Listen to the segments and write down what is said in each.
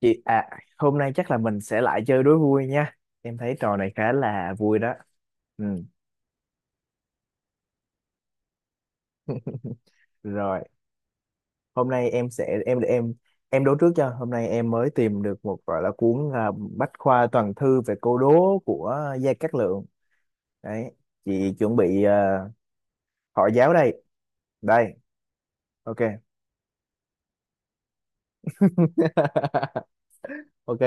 Chị à, hôm nay chắc là mình sẽ lại chơi đố vui nha. Em thấy trò này khá là vui đó. Ừ. Rồi, hôm nay em sẽ em đố trước cho. Hôm nay em mới tìm được một gọi là cuốn Bách khoa toàn thư về câu đố của Gia Cát Lượng. Đấy, chị chuẩn bị hỏi giáo đây. Đây, ok. Ok.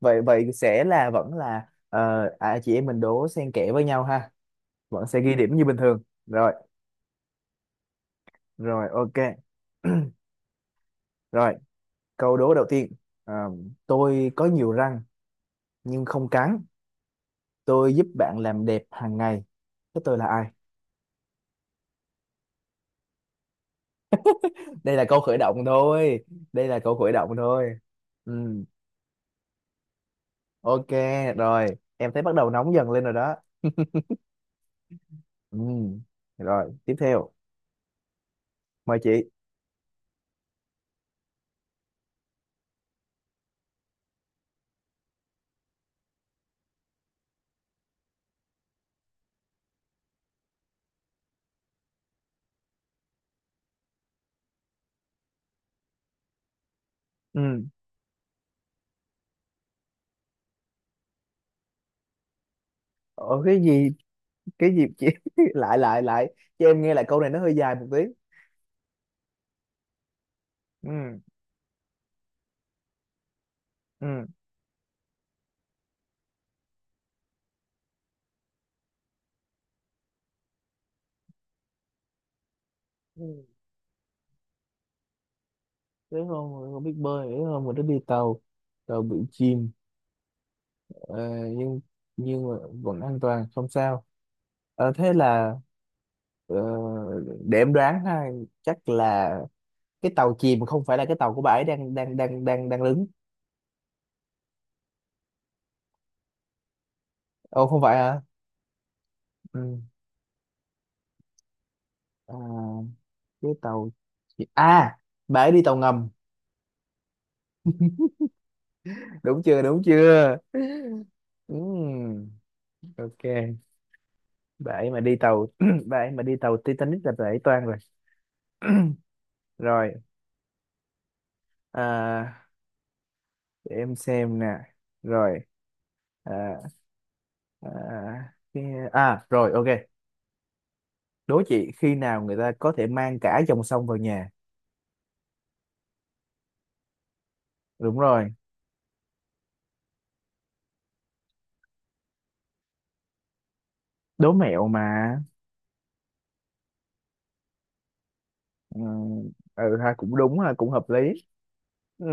Vậy vậy sẽ là vẫn là chị em mình đố xen kẽ với nhau ha. Vẫn sẽ ghi điểm như bình thường. Rồi, rồi ok. Rồi. Câu đố đầu tiên. À, tôi có nhiều răng nhưng không cắn. Tôi giúp bạn làm đẹp hàng ngày. Thế tôi là ai? Đây là câu khởi động thôi. Đây là câu khởi động thôi. Ừ, ok, rồi. Em thấy bắt đầu nóng dần lên rồi đó. Ừ, rồi, tiếp theo. Mời chị. Ừ. Ủa, cái gì? Cái gì chị? Lại, lại, lại. Cho em nghe lại câu này nó hơi dài một tí. Ừ, ừ. Ừ. Thế hôm rồi không biết bơi, thế hôm rồi nó đi tàu, tàu bị chìm. Ờ, nhưng nhưng mà vẫn an toàn không sao. Thế là ờ, để em đoán ha, chắc là cái tàu chìm không phải là cái tàu của bà ấy đang đang đang đang đang đứng. Ồ, không phải hả? Ừ. à, cái tàu chi- à bà ấy đi tàu ngầm. Đúng chưa, đúng chưa? Ừm, ok, bà ấy mà đi tàu bà ấy mà đi tàu Titanic là bà ấy toang rồi. Rồi. à, để em xem nè. Rồi. à, à, cái- rồi ok. Đố chị khi nào người ta có thể mang cả dòng sông vào nhà? Đúng rồi, đố mẹo mà. Ừ, ừ ha, cũng đúng ha, cũng hợp lý. Ừ.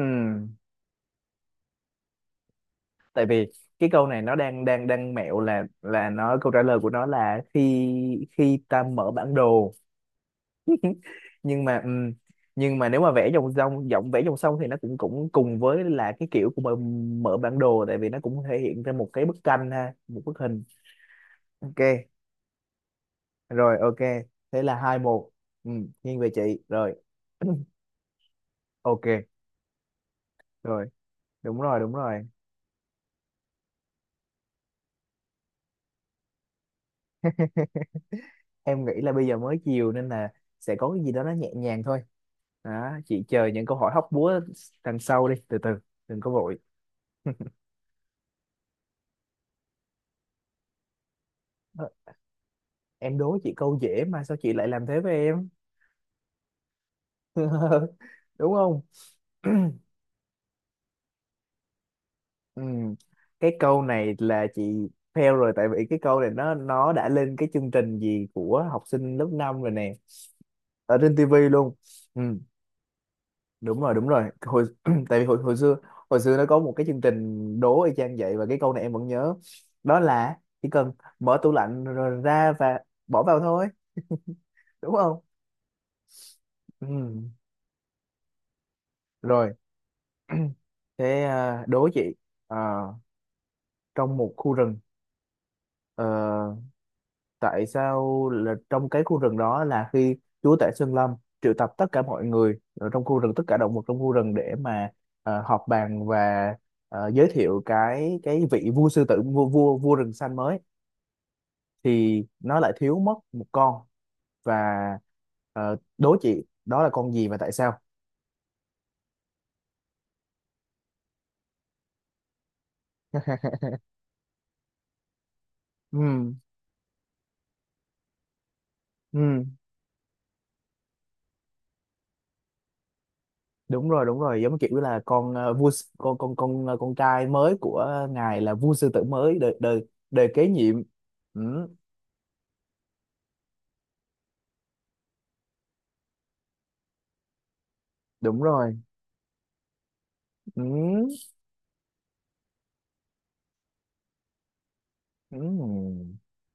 Tại vì cái câu này nó đang đang đang mẹo là nó câu trả lời của nó là khi khi ta mở bản đồ. Nhưng mà nhưng mà nếu mà vẽ dòng sông thì nó cũng cũng cùng với là cái kiểu của mở, mở bản đồ, tại vì nó cũng thể hiện ra một cái bức tranh ha, một bức hình. Ok. Rồi ok, thế là 2-1. Ừ, nghiêng về chị. Rồi. Ok. Rồi, đúng rồi, đúng rồi. Em nghĩ là bây giờ mới chiều nên là sẽ có cái gì đó nó nhẹ nhàng thôi đó, chị chờ những câu hỏi hóc búa đằng sau đi, từ từ, đừng có vội. Em đố chị câu dễ mà sao chị lại làm thế với em? Đúng không? Ừm, cái câu này là chị fail rồi, tại vì cái câu này nó đã lên cái chương trình gì của học sinh lớp 5 rồi nè, ở trên tivi luôn. Ừ. Đúng rồi, đúng rồi, hồi tại vì hồi hồi xưa, hồi xưa nó có một cái chương trình đố y chang vậy, và cái câu này em vẫn nhớ, đó là chỉ cần mở tủ lạnh rồi ra và bỏ vào thôi, đúng không? Ừ. Rồi. Thế đố chị. Ờ, trong một khu rừng, ờ, tại sao là trong cái khu rừng đó là khi Chúa Tể Sơn Lâm triệu tập tất cả mọi người ở trong khu rừng, tất cả động vật trong khu rừng, để mà họp bàn và giới thiệu cái vị vua sư tử vua vua vua rừng xanh mới, thì nó lại thiếu mất một con. Và đố chị đó là con gì và tại sao? Ừ. Ừ, đúng rồi, đúng rồi, giống kiểu là con ờ, vua s- con ờ, con trai mới của ngài là vua sư tử mới, đời đời đời kế nhiệm. Ừ. Đúng rồi. Ừ, ừ.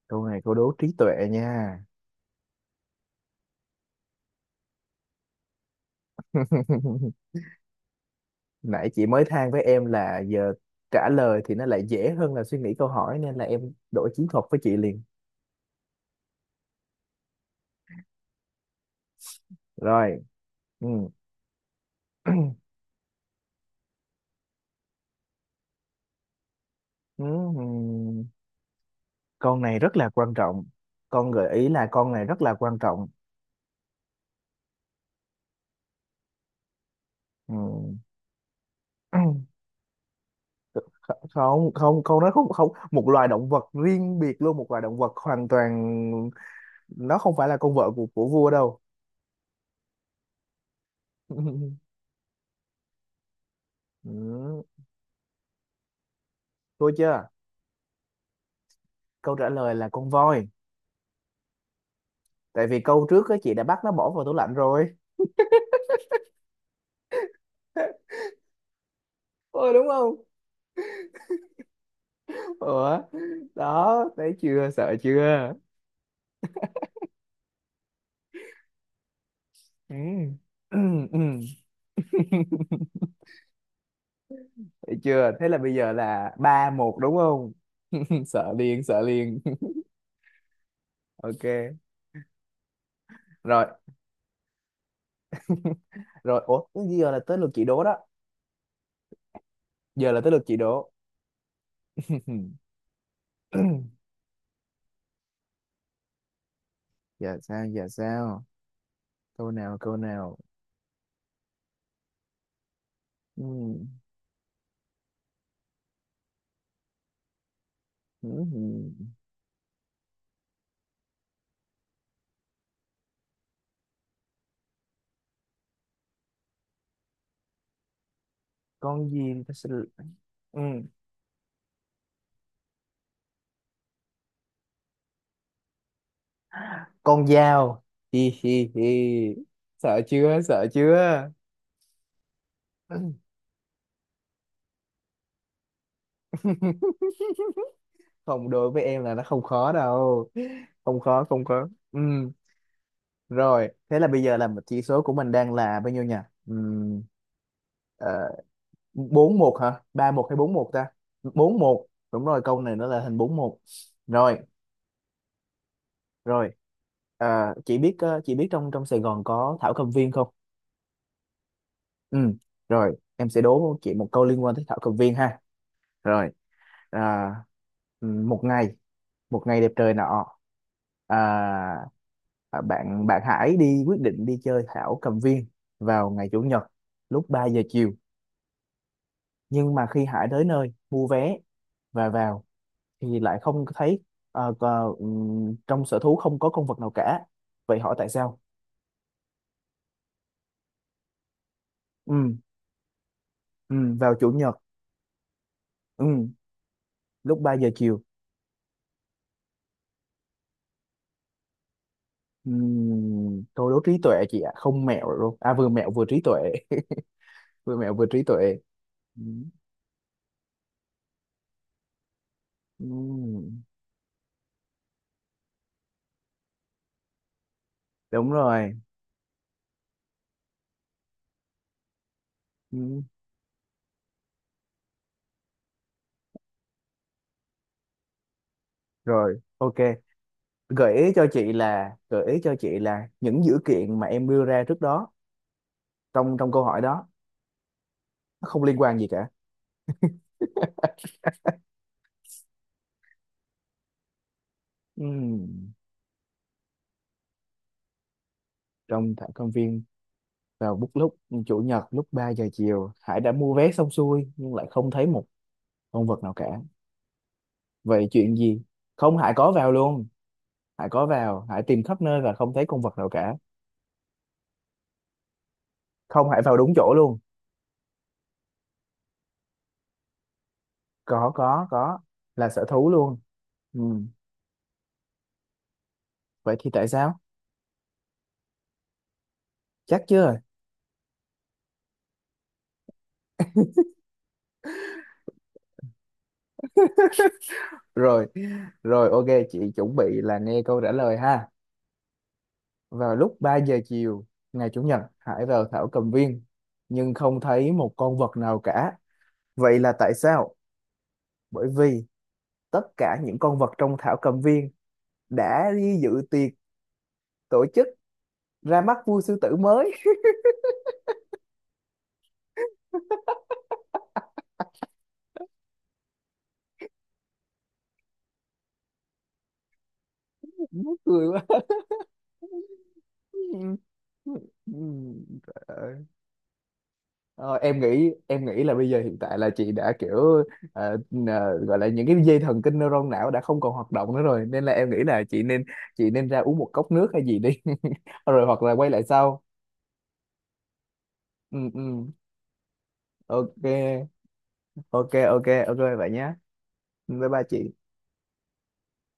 Câu này câu đố trí tuệ nha. Nãy chị mới than với em là giờ trả lời thì nó lại dễ hơn là suy nghĩ câu hỏi, nên là em đổi chiến thuật với chị liền. Rồi. Ừ. Ừ. Con này rất là quan trọng. Con gợi ý là con này rất là quan trọng. Ừ. Không, không, con nó không không một loài động vật riêng biệt luôn, một loài động vật hoàn toàn, nó không phải là con vợ của vua đâu. Ừ. Thôi chưa? Câu trả lời là con voi, tại vì câu trước á chị đã bắt nó bỏ vào tủ lạnh rồi. Ôi, đúng không? Ủa. Đó, thấy chưa, sợ chưa? Ừ. Ừ, ừ. Thấy chưa, thế là bây giờ là 3-1 đúng không? Sợ liền, sợ liền. Ok. Rồi, rồi, ủa, giờ là tới lượt chị đố đó. Giờ là tới lượt chị đố. Giờ sao, giờ sao? Câu nào, câu nào? Ừ. Ừ. Ừ. Con gì ta? Sẽ. Ừ. Con dao. Hi hi hi. Sợ chưa, sợ chưa? Không, đối với em là nó không khó đâu. Không khó, không khó. Ừ. Rồi, thế là bây giờ là chỉ số của mình đang là bao nhiêu nhỉ? Ừ. 4-1 hả, 3-1 hay 4-1 ta? 4-1, đúng rồi, câu này nó là hình 4-1. Rồi. Rồi. Chị biết chị biết trong trong Sài Gòn có Thảo Cầm Viên không? Ừ. Rồi, em sẽ đố chị một câu liên quan tới Thảo Cầm Viên ha. Rồi. à, một ngày, một ngày đẹp trời nọ, à, à, bạn bạn Hải quyết định đi chơi thảo cầm viên vào ngày chủ nhật lúc 3 giờ chiều. Nhưng mà khi Hải tới nơi mua vé và vào thì lại không thấy trong sở thú không có con vật nào cả. Vậy hỏi tại sao? Ừ. Ừ, vào chủ nhật. Ừ, lúc 3 giờ chiều. Ừ, tôi đố trí tuệ chị ạ, không mẹo luôn à, vừa mẹo vừa trí tuệ. Vừa mẹo vừa trí tuệ. Ừm, đúng rồi. Ừm, rồi ok, gợi ý cho chị là, gợi ý cho chị là những dữ kiện mà em đưa ra trước đó trong trong câu hỏi đó nó không liên quan gì cả. Ừm, trong thảo công viên vào lúc chủ nhật lúc 3 giờ chiều, Hải đã mua vé xong xuôi nhưng lại không thấy một con vật nào cả. Vậy chuyện gì? Không, Hải có vào luôn. Hải có vào, Hải tìm khắp nơi và không thấy con vật nào cả. Không, Hải vào đúng chỗ luôn. Có, là sở thú luôn. Ừm, vậy thì tại sao? Chắc chưa? Rồi. Rồi ok, chị chuẩn bị là nghe câu trả lời ha. Vào lúc 3 giờ chiều ngày chủ nhật, Hải vào thảo cầm viên nhưng không thấy một con vật nào cả. Vậy là tại sao? Bởi vì tất cả những con vật trong thảo cầm viên đã đi dự tiệc tổ chức ra mắt vua sư tử mới. Mắc cười quá. Ờ, em nghĩ, em nghĩ là bây giờ hiện tại là chị đã kiểu ờ, gọi là những cái dây thần kinh neuron não đã không còn hoạt động nữa rồi, nên là em nghĩ là chị nên, chị nên ra uống một cốc nước hay gì đi. Rồi hoặc là quay lại sau. Ừ, ừ. Ok, ok, ok, ok, vậy nhé. Bye bye chị.